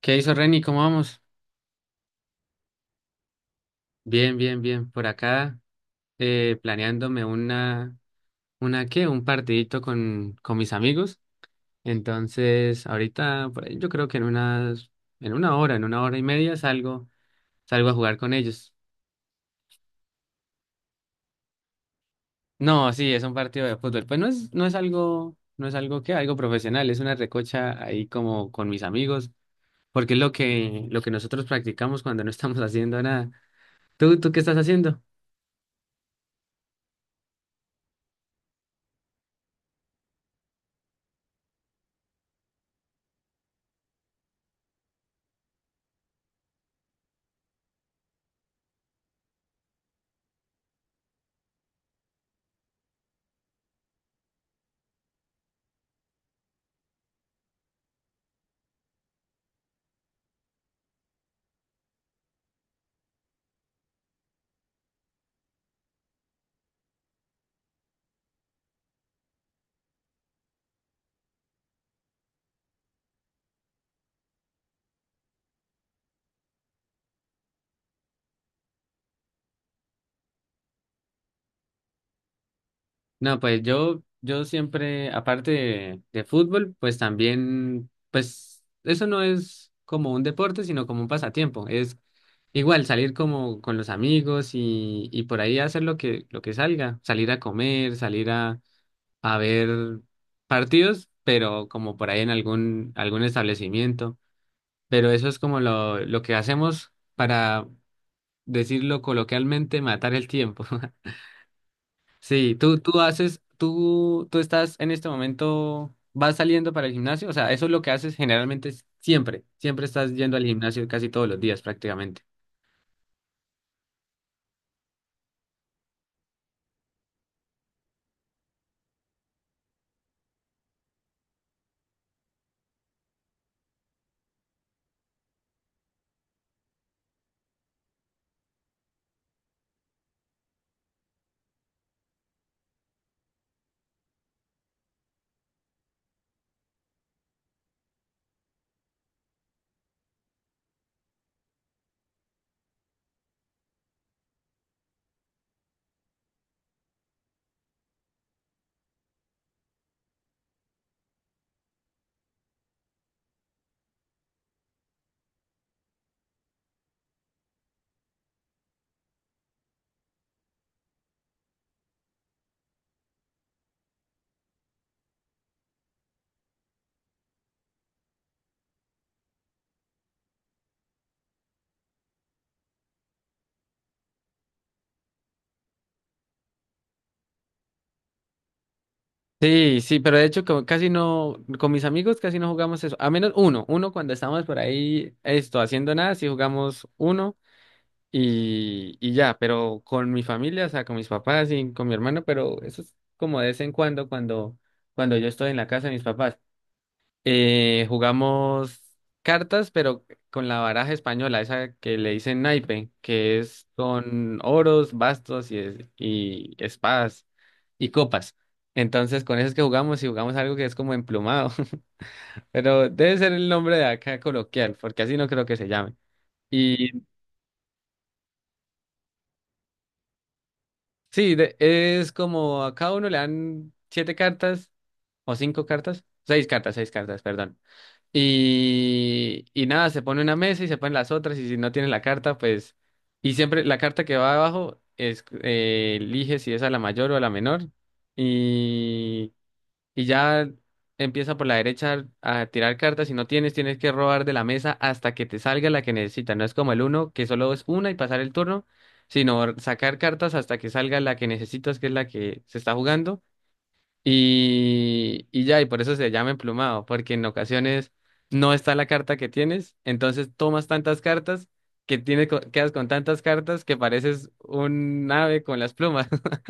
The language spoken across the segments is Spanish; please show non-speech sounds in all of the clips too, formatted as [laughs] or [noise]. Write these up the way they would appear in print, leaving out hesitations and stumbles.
¿Qué hizo Reni? ¿Cómo vamos? Bien, bien, bien. Por acá, planeándome una ¿qué? Un partidito con mis amigos. Entonces, ahorita, por ahí, yo creo que en unas, en una hora y media salgo a jugar con ellos. No, sí, es un partido de fútbol. Pues no es algo, algo profesional, es una recocha ahí como con mis amigos, porque es lo lo que nosotros practicamos cuando no estamos [laughs] haciendo nada. ¿Tú qué estás haciendo? No, pues yo siempre, aparte de fútbol, pues también, pues eso no es como un deporte, sino como un pasatiempo. Es igual salir como con los amigos y por ahí hacer lo lo que salga, salir a comer, salir a ver partidos, pero como por ahí en algún establecimiento. Pero eso es como lo que hacemos para decirlo coloquialmente, matar el tiempo. [laughs] Sí, tú estás en este momento, vas saliendo para el gimnasio, o sea, eso es lo que haces generalmente es- siempre estás yendo al gimnasio casi todos los días prácticamente. Sí, sí, pero de hecho como casi no, con mis amigos casi no jugamos eso, a menos uno cuando estamos por ahí, esto, haciendo nada, sí jugamos uno y ya, pero con mi familia, o sea, con mis papás y con mi hermano, pero eso es como de vez en cuando yo estoy en la casa de mis papás. Jugamos cartas, pero con la baraja española, esa que le dicen naipe, que es con oros, bastos y, y espadas y copas. Entonces, con eso es que jugamos y jugamos algo que es como emplumado, [laughs] pero debe ser el nombre de acá coloquial, porque así no creo que se llame. Y sí, es como a cada uno le dan siete cartas o cinco cartas, seis cartas, perdón. Y nada, se pone una mesa y se ponen las otras y si no tienes la carta, pues... Y siempre la carta que va abajo es, elige si es a la mayor o a la menor. Y, y ya empieza por la derecha a tirar cartas. Si no tienes, tienes que robar de la mesa hasta que te salga la que necesitas. No es como el uno, que solo es una y pasar el turno, sino sacar cartas hasta que salga la que necesitas, que es la que se está jugando. Y ya, y por eso se llama emplumado, porque en ocasiones no está la carta que tienes, entonces tomas tantas cartas que tienes, quedas con tantas cartas que pareces un ave con las plumas. [laughs]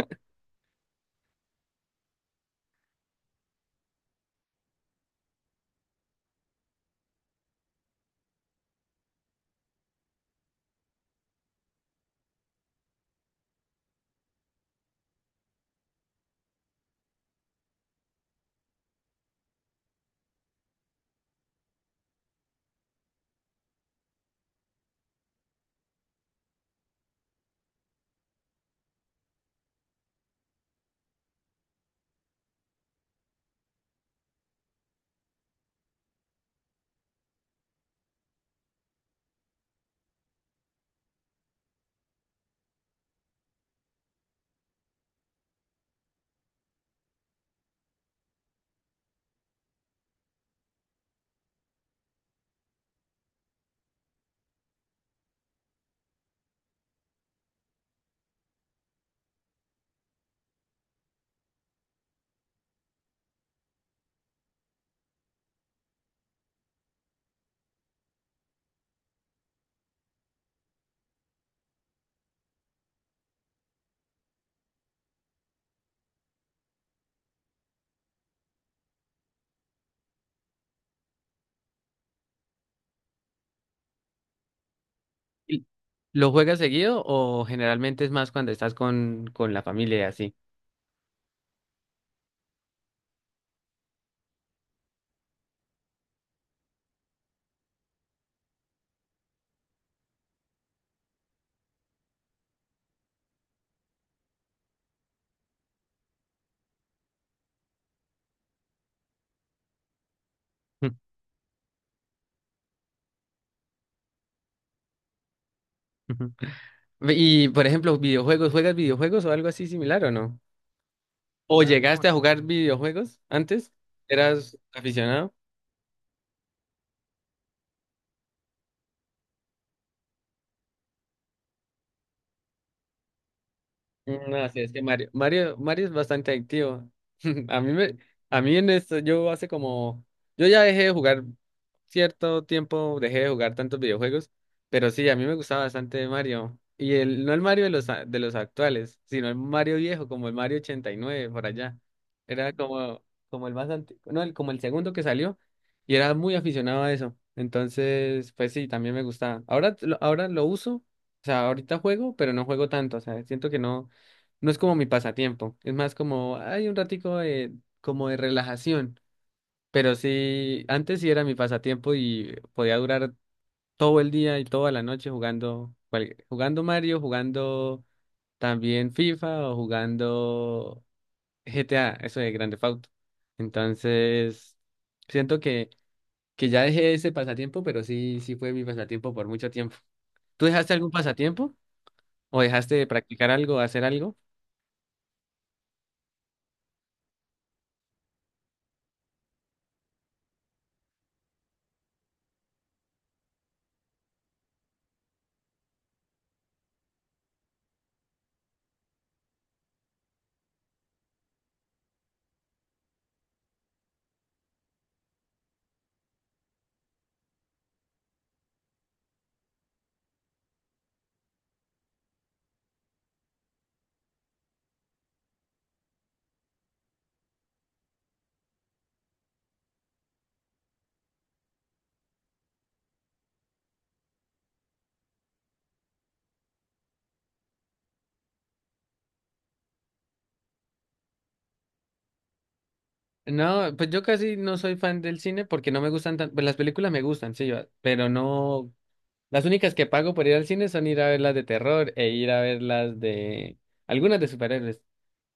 ¿Y ¿Lo juegas seguido o generalmente es más cuando estás con la familia y así? [laughs] Y, por ejemplo, videojuegos, ¿juegas videojuegos o algo así similar o no? ¿O ¿Ah, no, llegaste a jugar videojuegos antes? ¿Eras aficionado? Mm, no, así es que Mario, Mario es bastante adictivo. [laughs] A mí me, a mí en esto, yo hace como, yo ya dejé de jugar cierto tiempo, dejé de jugar tantos videojuegos, pero sí, a mí me gustaba bastante Mario. Y el, no el Mario de los, de los actuales, sino el Mario viejo, como el Mario 89, por allá. Era como, como el más antiguo, no, el, como el segundo que salió, y era muy aficionado a eso. Entonces, pues sí, también me gustaba. Ahora, ahora lo uso, o sea, ahorita juego, pero no juego tanto, o sea, siento que no. No es como mi pasatiempo, es más como hay un ratico de, como de relajación, pero sí, antes sí era mi pasatiempo y podía durar todo el día y toda la noche jugando, jugando Mario, jugando también FIFA o jugando GTA, eso de Grand Theft Auto. Entonces, siento que ya dejé ese pasatiempo, pero sí, sí fue mi pasatiempo por mucho tiempo. ¿Tú dejaste algún pasatiempo o dejaste de practicar algo, hacer algo? No, pues yo casi no soy fan del cine porque no me gustan tanto, pues las películas me gustan, sí, va, pero no, las únicas que pago por ir al cine son ir a ver las de terror e ir a ver las de algunas de superhéroes.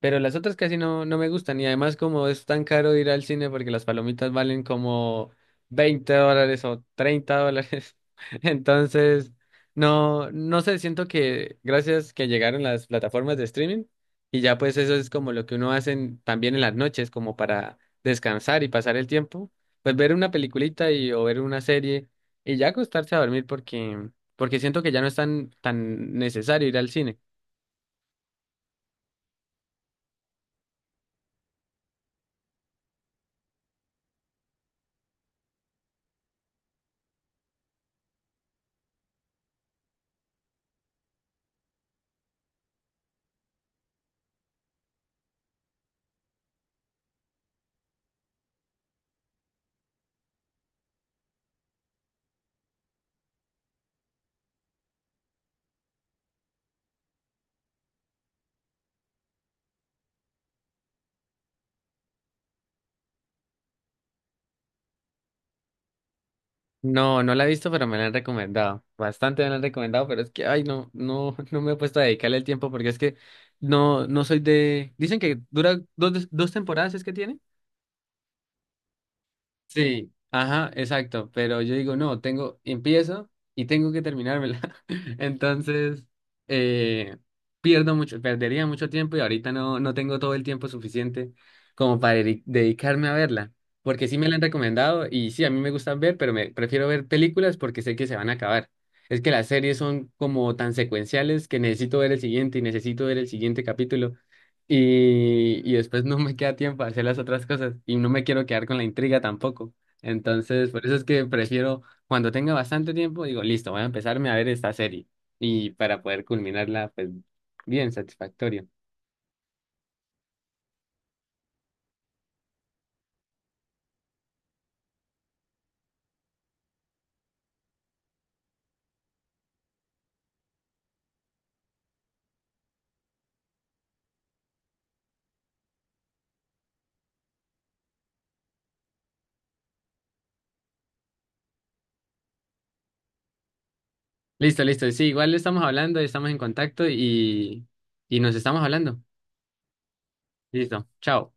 Pero las otras casi no, no me gustan. Y además como es tan caro ir al cine porque las palomitas valen como 20 dólares o 30 dólares. [laughs] Entonces, no, no sé, siento que gracias que llegaron las plataformas de streaming y ya pues eso es como lo que uno hace en- también en las noches como para descansar y pasar el tiempo. Pues ver una peliculita y, o ver una serie y ya acostarse a dormir porque siento que ya no es tan necesario ir al cine. No, no la he visto, pero me la han recomendado. Bastante me la han recomendado, pero es que, ay, no, [laughs] no me he puesto a dedicarle el tiempo porque es que no, no soy de... Dicen que dura dos temporadas, ¿es que tiene? Sí, ajá, exacto, pero yo digo, no, tengo, empiezo y tengo que terminármela. [laughs] Entonces, eh, pierdo mucho, perdería mucho tiempo y ahorita no, no tengo todo el tiempo suficiente como para dedicarme a verla, porque sí me la han recomendado y sí, a mí me gusta ver, pero me prefiero ver películas porque sé que se van a acabar. Es que las series son como tan secuenciales que necesito ver el siguiente y necesito ver el siguiente capítulo y después no me queda tiempo a hacer las otras cosas y no me quiero quedar con la intriga tampoco. Entonces, por eso es que prefiero, cuando tenga bastante tiempo, digo, listo, voy a empezarme a ver esta serie y para poder culminarla, pues, bien satisfactorio. Listo, listo. Sí, igual estamos hablando, estamos en contacto y nos estamos hablando. Listo, chao.